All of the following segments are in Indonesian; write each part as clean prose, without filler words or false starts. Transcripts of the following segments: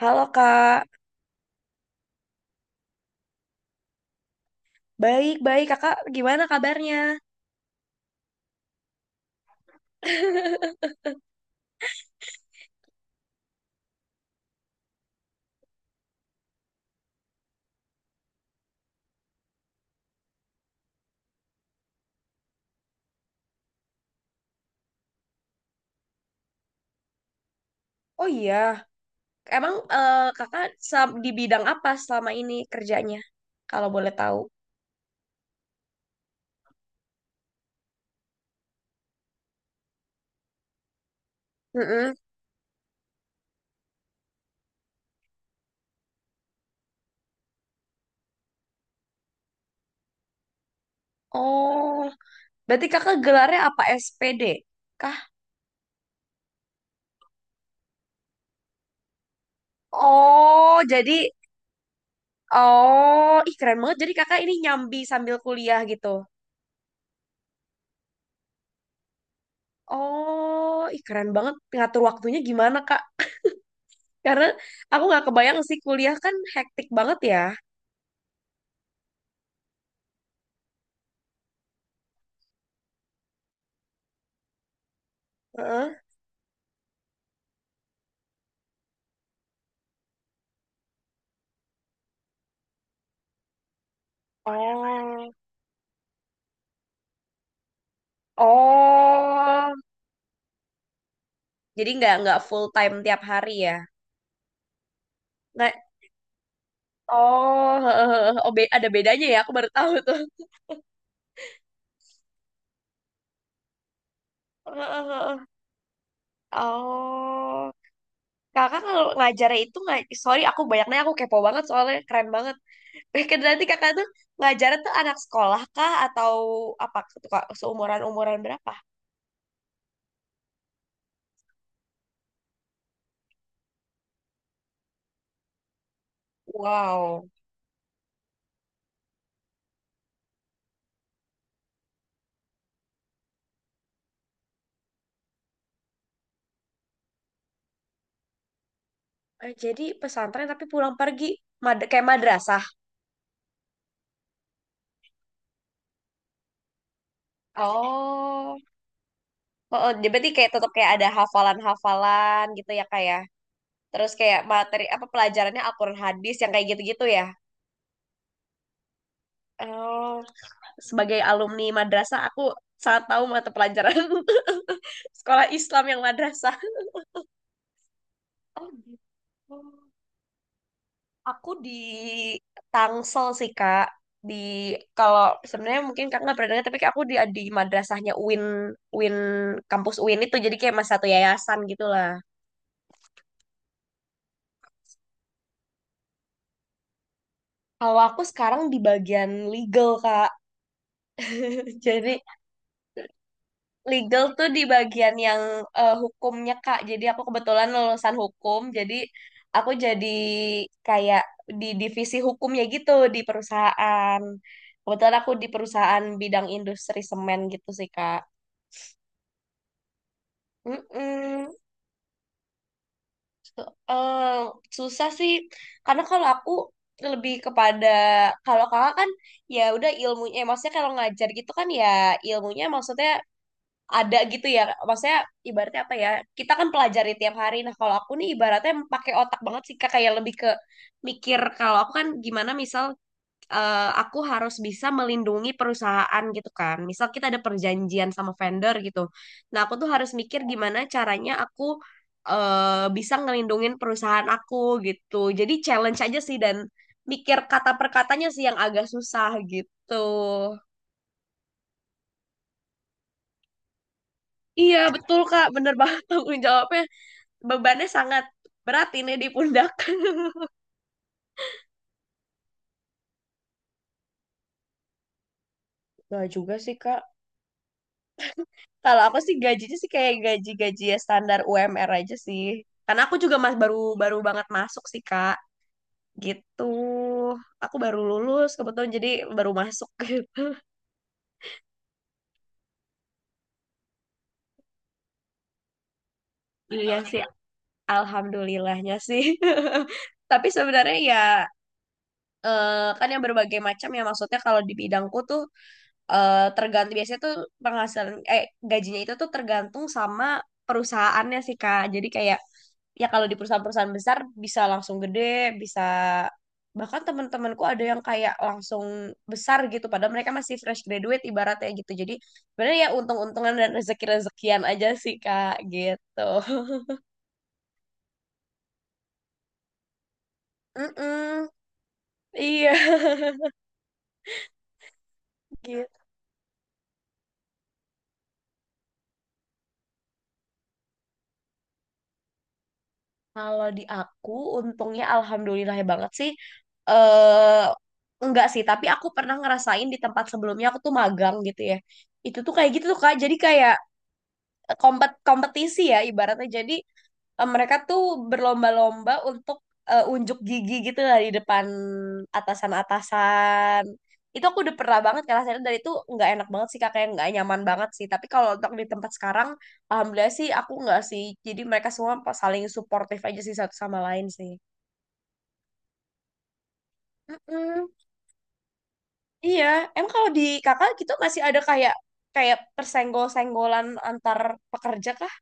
Halo Kak, baik-baik Kakak gimana kabarnya? Oh iya, emang Kakak di bidang apa selama ini kerjanya kalau boleh tahu? Mm-mm. Oh, berarti Kakak gelarnya apa SPD kah? Oh, jadi oh, ih keren banget. Jadi Kakak ini nyambi sambil kuliah gitu. Oh, ih keren banget ngatur waktunya gimana Kak? Karena aku nggak kebayang sih kuliah kan hektik banget ya. Heeh. Oh. Oh, jadi nggak full time tiap hari ya. Nggak, oh, oh ada bedanya ya, aku baru tahu tuh. Oh, kakak kalau ngajarnya itu nggak, sorry aku kepo banget soalnya keren banget. Mungkin nanti kakak tuh ngajarnya tuh anak sekolah kah atau apa tuh kak seumuran umuran berapa? Wow. Jadi pesantren tapi pulang pergi, kayak madrasah. Oh. Oh, dia berarti kayak tetap kayak ada hafalan-hafalan gitu ya kak ya. Terus kayak materi apa pelajarannya Al-Qur'an hadis yang kayak gitu-gitu ya. Oh, sebagai alumni madrasah aku sangat tahu mata pelajaran sekolah Islam yang madrasah. Oh gitu. Aku di Tangsel sih kak. Di kalau sebenarnya mungkin kak nggak pernah dengar tapi kayak aku di madrasahnya UIN, UIN, kampus UIN itu jadi kayak mas satu yayasan gitulah. Kalau aku sekarang di bagian legal kak. Jadi legal tuh di bagian yang hukumnya Kak. Jadi aku kebetulan lulusan hukum, jadi aku jadi kayak di divisi hukumnya gitu di perusahaan. Kebetulan aku di perusahaan bidang industri semen gitu sih Kak. Mm-mm. So- eh, Susah sih, karena kalau aku lebih kepada, kalau kakak kan ya udah ilmunya, maksudnya kalau ngajar gitu kan ya ilmunya maksudnya ada gitu ya, maksudnya ibaratnya apa ya, kita kan pelajari tiap hari. Nah kalau aku nih ibaratnya pakai otak banget sih Kak, kayak lebih ke mikir. Kalau aku kan gimana misal, aku harus bisa melindungi perusahaan gitu kan, misal kita ada perjanjian sama vendor gitu, nah aku tuh harus mikir gimana caranya aku bisa ngelindungin perusahaan aku gitu. Jadi challenge aja sih, dan mikir kata per katanya sih yang agak susah gitu. Iya betul Kak, bener banget tanggung jawabnya, bebannya sangat berat ini di pundak. Gak juga sih, Kak. Kalau aku sih gajinya sih kayak gaji-gaji ya standar UMR aja sih. Karena aku juga mas baru baru banget masuk sih, Kak. Gitu. Aku baru lulus kebetulan jadi baru masuk. Iya sih, alhamdulillahnya sih. Tapi sebenarnya ya, kan yang berbagai macam ya, maksudnya kalau di bidangku tuh tergantung. Biasanya tuh penghasilan, gajinya itu tuh tergantung sama perusahaannya sih Kak. Jadi kayak ya kalau di perusahaan-perusahaan besar bisa langsung gede, bisa bahkan teman-temanku ada yang kayak langsung besar gitu padahal mereka masih fresh graduate ibaratnya gitu. Jadi sebenarnya ya untung-untungan dan rezeki-rezekian aja sih Kak gitu. Mm-mm. Iya, gitu. Kalau di aku, untungnya alhamdulillah ya banget sih. eh enggak sih, tapi aku pernah ngerasain di tempat sebelumnya aku tuh magang gitu ya. Itu tuh kayak gitu tuh Kak. Jadi kayak kompetisi ya ibaratnya. Jadi mereka tuh berlomba-lomba untuk unjuk gigi gitu lah di depan atasan-atasan. Itu aku udah pernah banget kan rasanya, dari itu nggak enak banget sih kakaknya, nggak nyaman banget sih. Tapi kalau untuk di tempat sekarang, alhamdulillah sih aku nggak sih. Jadi mereka semua saling suportif aja sih satu sama lain sih. Mm-mm. Iya, emang kalau di kakak gitu masih ada kayak kayak persenggol-senggolan antar pekerja kah?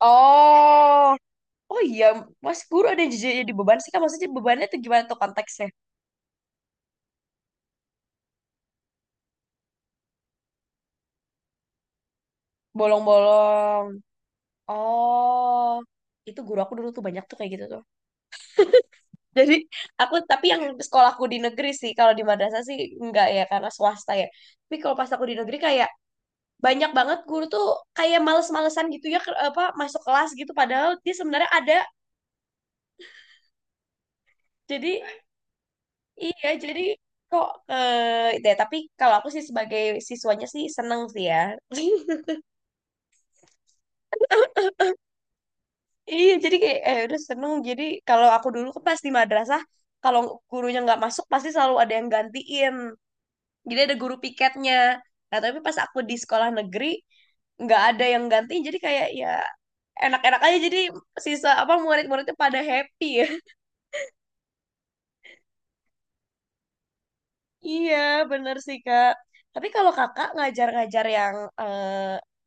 Oh, oh iya, Mas Guru ada yang jadi beban sih kak. Maksudnya bebannya tuh gimana tuh konteksnya? Bolong-bolong. Oh, itu guru aku dulu tuh banyak tuh kayak gitu tuh. Jadi aku tapi yang sekolahku di negeri sih, kalau di madrasah sih enggak ya karena swasta ya. Tapi kalau pas aku di negeri kayak banyak banget guru tuh kayak males-malesan gitu ya apa masuk kelas gitu padahal dia sebenarnya ada. Jadi iya, jadi kok eh deh tapi kalau aku sih sebagai siswanya sih seneng sih ya. Iya, jadi kayak udah seneng. Jadi kalau aku dulu kan pas di madrasah, kalau gurunya nggak masuk pasti selalu ada yang gantiin. Jadi ada guru piketnya. Nah, tapi pas aku di sekolah negeri nggak ada yang gantiin. Jadi kayak ya enak-enak aja. Jadi sisa apa murid-muridnya pada happy ya. Iya, bener sih Kak. Tapi kalau Kakak ngajar-ngajar yang eh,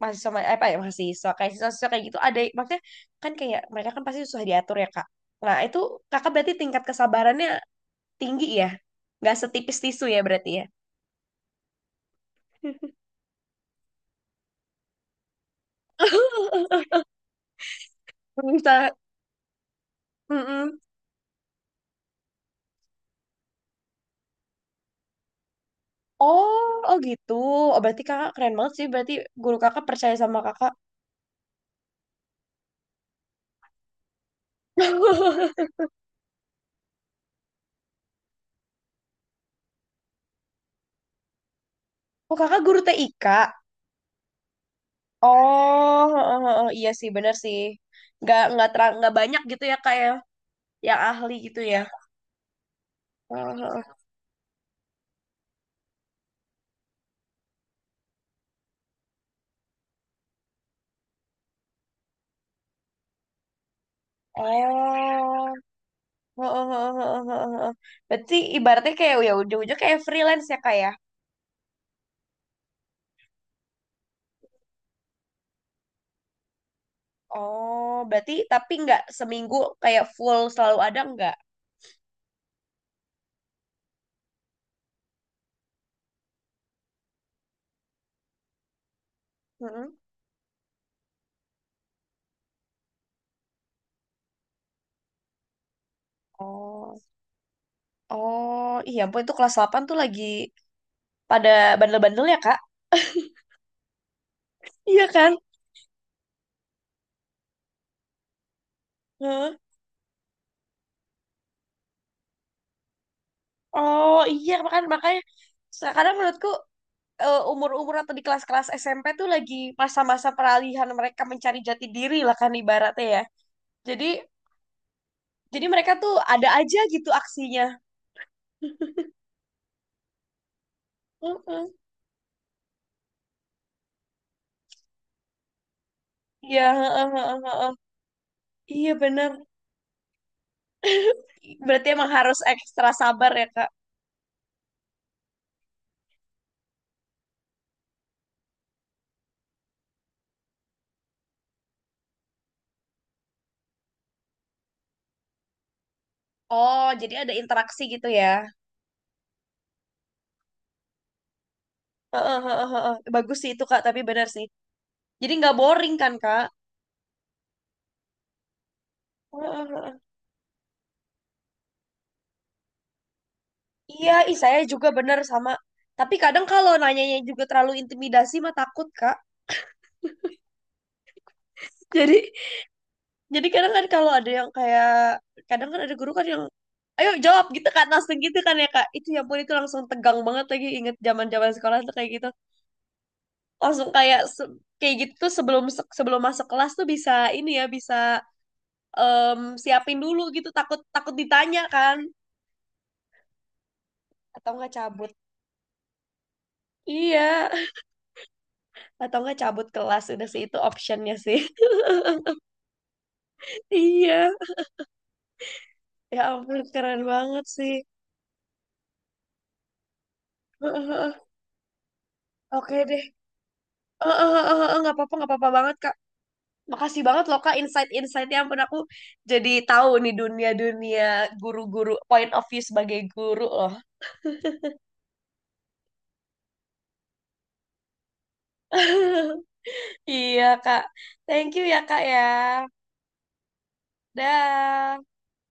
mahasiswa, apa ya, mahasiswa kayak siswa-siswa kayak gitu, ada maksudnya, kan kayak mereka kan pasti susah diatur ya Kak. Nah, itu Kakak berarti tingkat kesabarannya tinggi ya? Nggak setipis tisu ya berarti ya? Bisa. Mm-mm. Oh, oh gitu. Oh, berarti kakak keren banget sih. Berarti guru kakak percaya sama kakak. Oh, kakak guru TIK. Oh, oh, oh, oh, iya sih, bener sih. Nggak, terang, nggak banyak gitu ya kak ya, yang ahli gitu ya. Oh, oh, oh, oh, oh, oh, oh, oh, oh. Berarti ibaratnya kayak ya ujung-ujung kayak freelance ya kak ya. Oh, berarti tapi nggak seminggu kayak full selalu ada nggak? Mm-mm. Oh, oh, iya ampun itu kelas 8 tuh lagi pada bandel-bandel ya, Kak? Iya kan? Heeh. Oh, iya makan makanya kadang menurutku umur-umur atau di kelas-kelas SMP tuh lagi masa-masa peralihan mereka mencari jati diri lah kan ibaratnya ya. Jadi jadi mereka tuh ada aja gitu aksinya. Mm-mm. Iya, heeh, heeh, heeh. Iya benar. Berarti emang harus ekstra sabar ya, Kak. Oh, jadi ada interaksi gitu ya. Heeh, heeh, heeh. Bagus sih itu, Kak, tapi benar sih. Jadi nggak boring kan, Kak? Heeh. Iya, ih saya juga bener sama. Tapi kadang kalau nanyanya juga terlalu intimidasi mah takut, Kak. Jadi jadi kadang kan kalau ada yang kayak, kadang kan ada guru kan yang ayo jawab gitu kan langsung gitu kan ya Kak. Itu ya ampun itu langsung tegang banget, lagi inget zaman-zaman sekolah tuh kayak gitu. Langsung kayak kayak gitu tuh sebelum sebelum masuk kelas tuh bisa ini ya, bisa em, siapin dulu gitu, takut takut ditanya kan, atau nggak cabut. Iya. Atau enggak cabut kelas, udah sih itu optionnya sih. Iya, ya ampun keren banget sih. Oke deh. Nggak apa-apa, nggak apa-apa banget kak, makasih banget loh kak insight-insightnya. Ya ampun aku jadi tahu nih dunia-dunia guru-guru point of view sebagai guru loh. Iya kak, thank you ya kak ya. Dah.